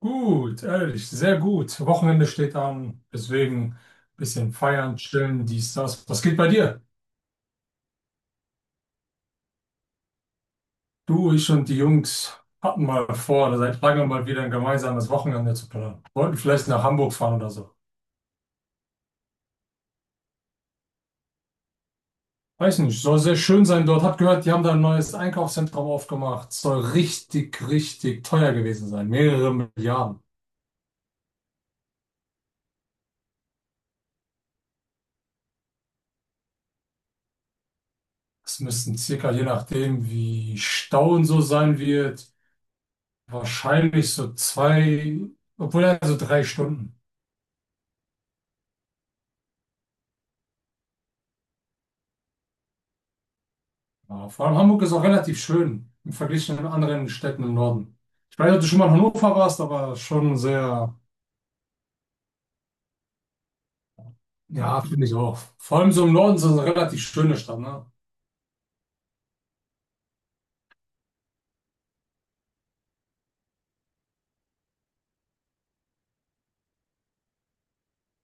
Gut, ehrlich, sehr gut. Wochenende steht an, deswegen ein bisschen feiern, chillen, dies, das. Was geht bei dir? Du, ich und die Jungs hatten mal vor, seit langem mal wieder ein gemeinsames Wochenende zu planen. Wollten vielleicht nach Hamburg fahren oder so. Weiß nicht, soll sehr schön sein dort. Hab gehört, die haben da ein neues Einkaufszentrum aufgemacht. Soll richtig, richtig teuer gewesen sein. Mehrere Milliarden. Es müssten circa, je nachdem, wie Stau und so sein wird, wahrscheinlich so zwei, obwohl also drei Stunden. Ja, vor allem Hamburg ist auch relativ schön im Vergleich zu den anderen Städten im Norden. Ich weiß nicht, ob du schon mal in Hannover warst, aber schon sehr, ja, finde ich auch. Vor allem so im Norden ist das eine relativ schöne Stadt, ne?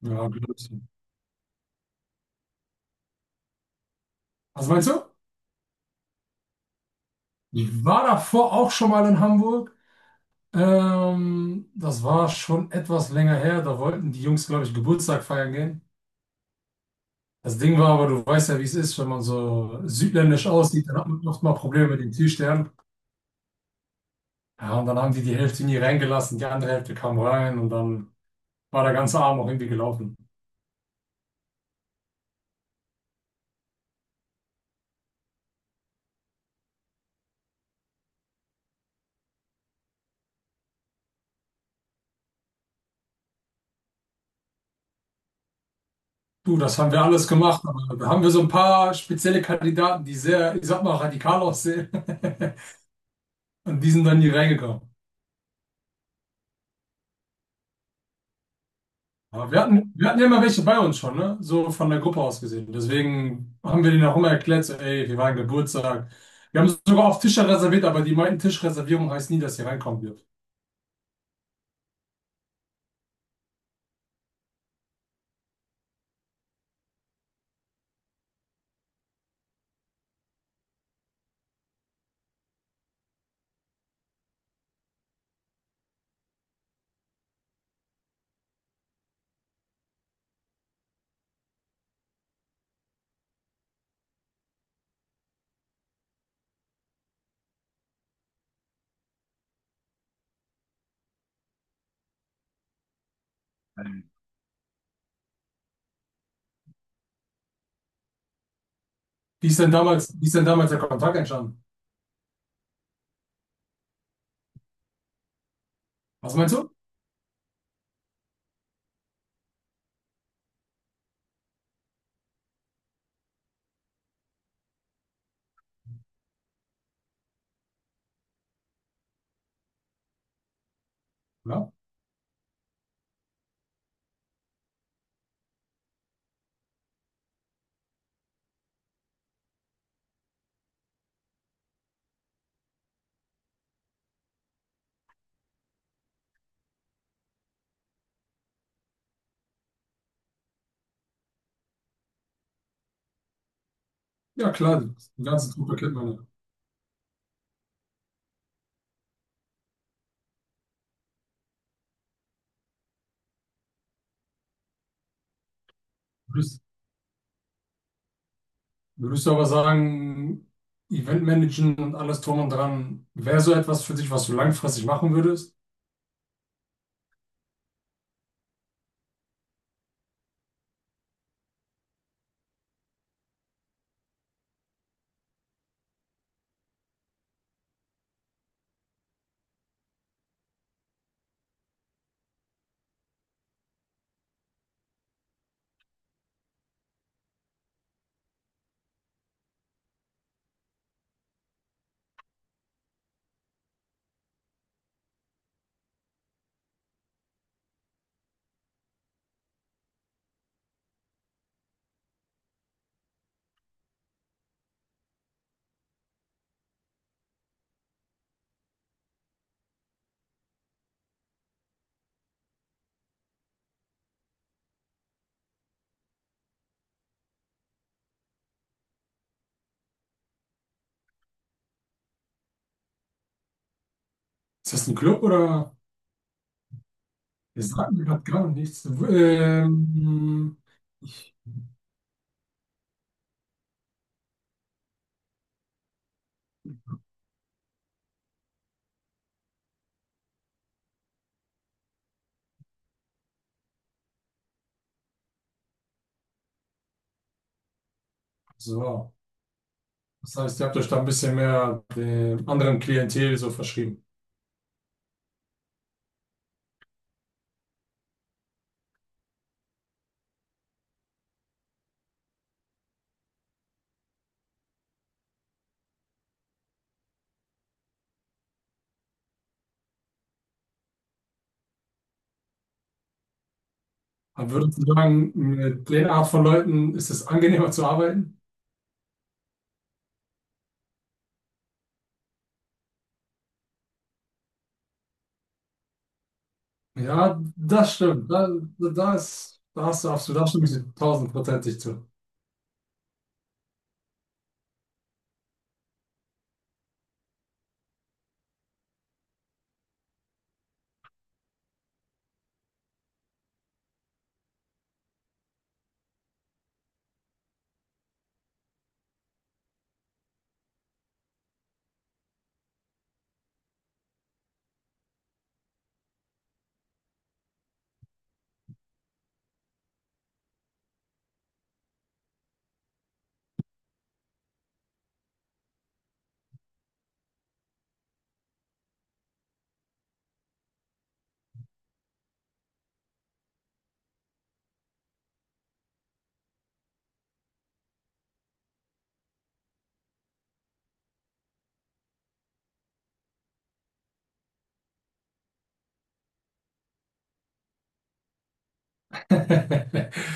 Ja, Glöckchen. Also meinst du? Ich war davor auch schon mal in Hamburg. Das war schon etwas länger her. Da wollten die Jungs, glaube ich, Geburtstag feiern gehen. Das Ding war aber, du weißt ja, wie es ist, wenn man so südländisch aussieht, dann hat man oft mal Probleme mit den Türstern. Ja, und dann haben die Hälfte nie reingelassen, die andere Hälfte kam rein und dann war der ganze Abend auch irgendwie gelaufen. Du, das haben wir alles gemacht, aber da haben wir so ein paar spezielle Kandidaten, die sehr, ich sag mal, radikal aussehen. Und die sind dann nie reingekommen. Aber wir hatten ja immer welche bei uns schon, ne? So von der Gruppe aus gesehen. Deswegen haben wir denen auch immer erklärt, so, ey, wir waren Geburtstag. Wir haben sogar auf Tische reserviert, aber die meinten, Tischreservierung heißt nie, dass ihr reinkommen dürft. Wie ist denn damals der Kontakt entstanden? Was meinst du? Ja, ja klar, die ganze Truppe kennt man ja. Würdest du aber sagen, Eventmanagen und alles drum und dran, wäre so etwas für dich, was du langfristig machen würdest? Ist das ein Club oder? Das sagt mir gerade gar nichts. Ich, so, das heißt, ihr habt euch da ein bisschen mehr dem anderen Klientel so verschrieben. Aber würdest du sagen, mit der Art von Leuten ist es angenehmer zu arbeiten? Ja, das stimmt. Da ist, da hast du absolut, da stimme ich dir tausendprozentig zu.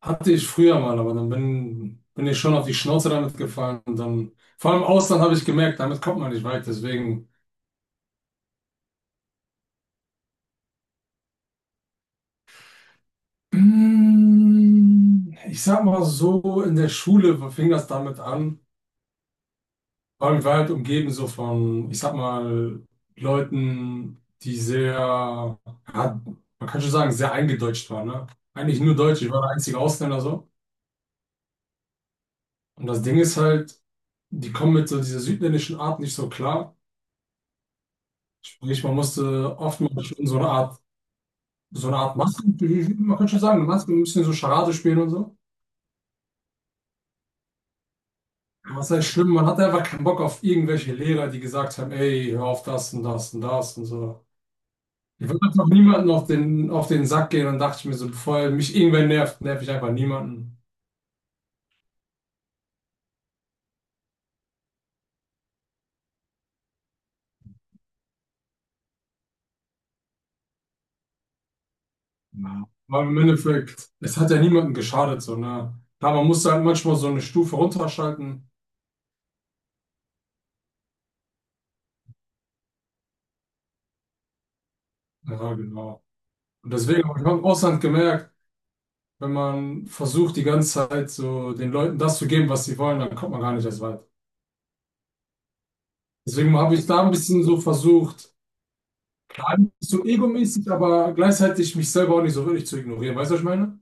Hatte ich früher mal, aber dann bin ich schon auf die Schnauze damit gefallen. Und dann, vor allem im Ausland habe ich gemerkt, damit kommt man nicht weit. Deswegen, ich sag mal so, in der Schule fing das damit an. Vor allem, ich war halt umgeben so von, ich sag mal, Leuten, die sehr, ja, man kann schon sagen, sehr eingedeutscht waren. Ne? Eigentlich nur Deutsch, ich war der einzige Ausländer so. Und das Ding ist halt, die kommen mit so dieser südländischen Art nicht so klar. Sprich, man musste oftmals schon so eine Art so eine Art Masken, man könnte schon sagen, Masken, ein bisschen so Charade spielen und so. Was heißt schlimm? Man hatte einfach keinen Bock auf irgendwelche Lehrer, die gesagt haben, ey, hör auf das und das und das und so. Ich wollte einfach niemanden auf den Sack gehen und dachte ich mir so, bevor mich irgendwer nervt, nerv ich einfach niemanden. Ja. Weil im Endeffekt, es hat ja niemandem geschadet, so, ne? Klar, man musste halt manchmal so eine Stufe runterschalten. Ja, genau. Und deswegen habe ich auch im Ausland gemerkt, wenn man versucht, die ganze Zeit so den Leuten das zu geben, was sie wollen, dann kommt man gar nicht erst weit. Deswegen habe ich da ein bisschen so versucht, gar nicht so egomäßig, aber gleichzeitig mich selber auch nicht so wirklich zu ignorieren. Weißt du, was ich meine?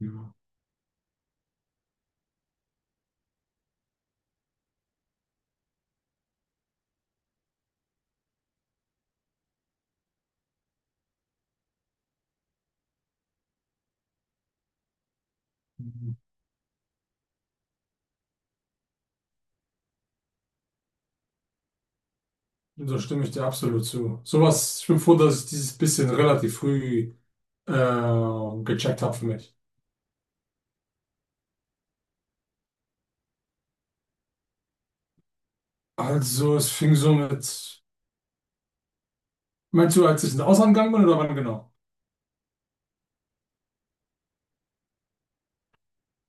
Ja. Und da stimme ich dir absolut zu. Sowas, ich bin froh, dass ich dieses bisschen relativ früh gecheckt habe für mich. Also, es fing so mit. Meinst du, als ich ins Ausland gegangen bin oder wann genau?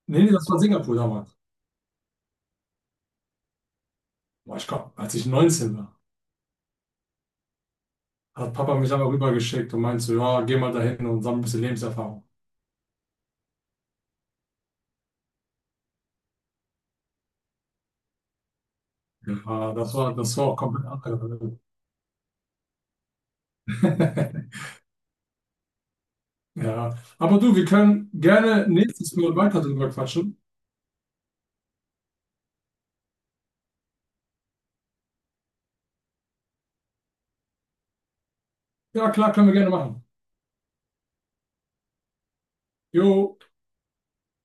Nee, nee, das war Singapur damals. Boah, ich glaube, als ich 19 war, hat Papa mich einmal rübergeschickt und meinte so, ja, geh mal dahin und sammle ein bisschen Lebenserfahrung. Ja. Ah, das war auch komplett andere Welt. Ja, aber du, wir können gerne nächstes Mal weiter drüber quatschen. Ja, klar, können wir gerne machen. Jo.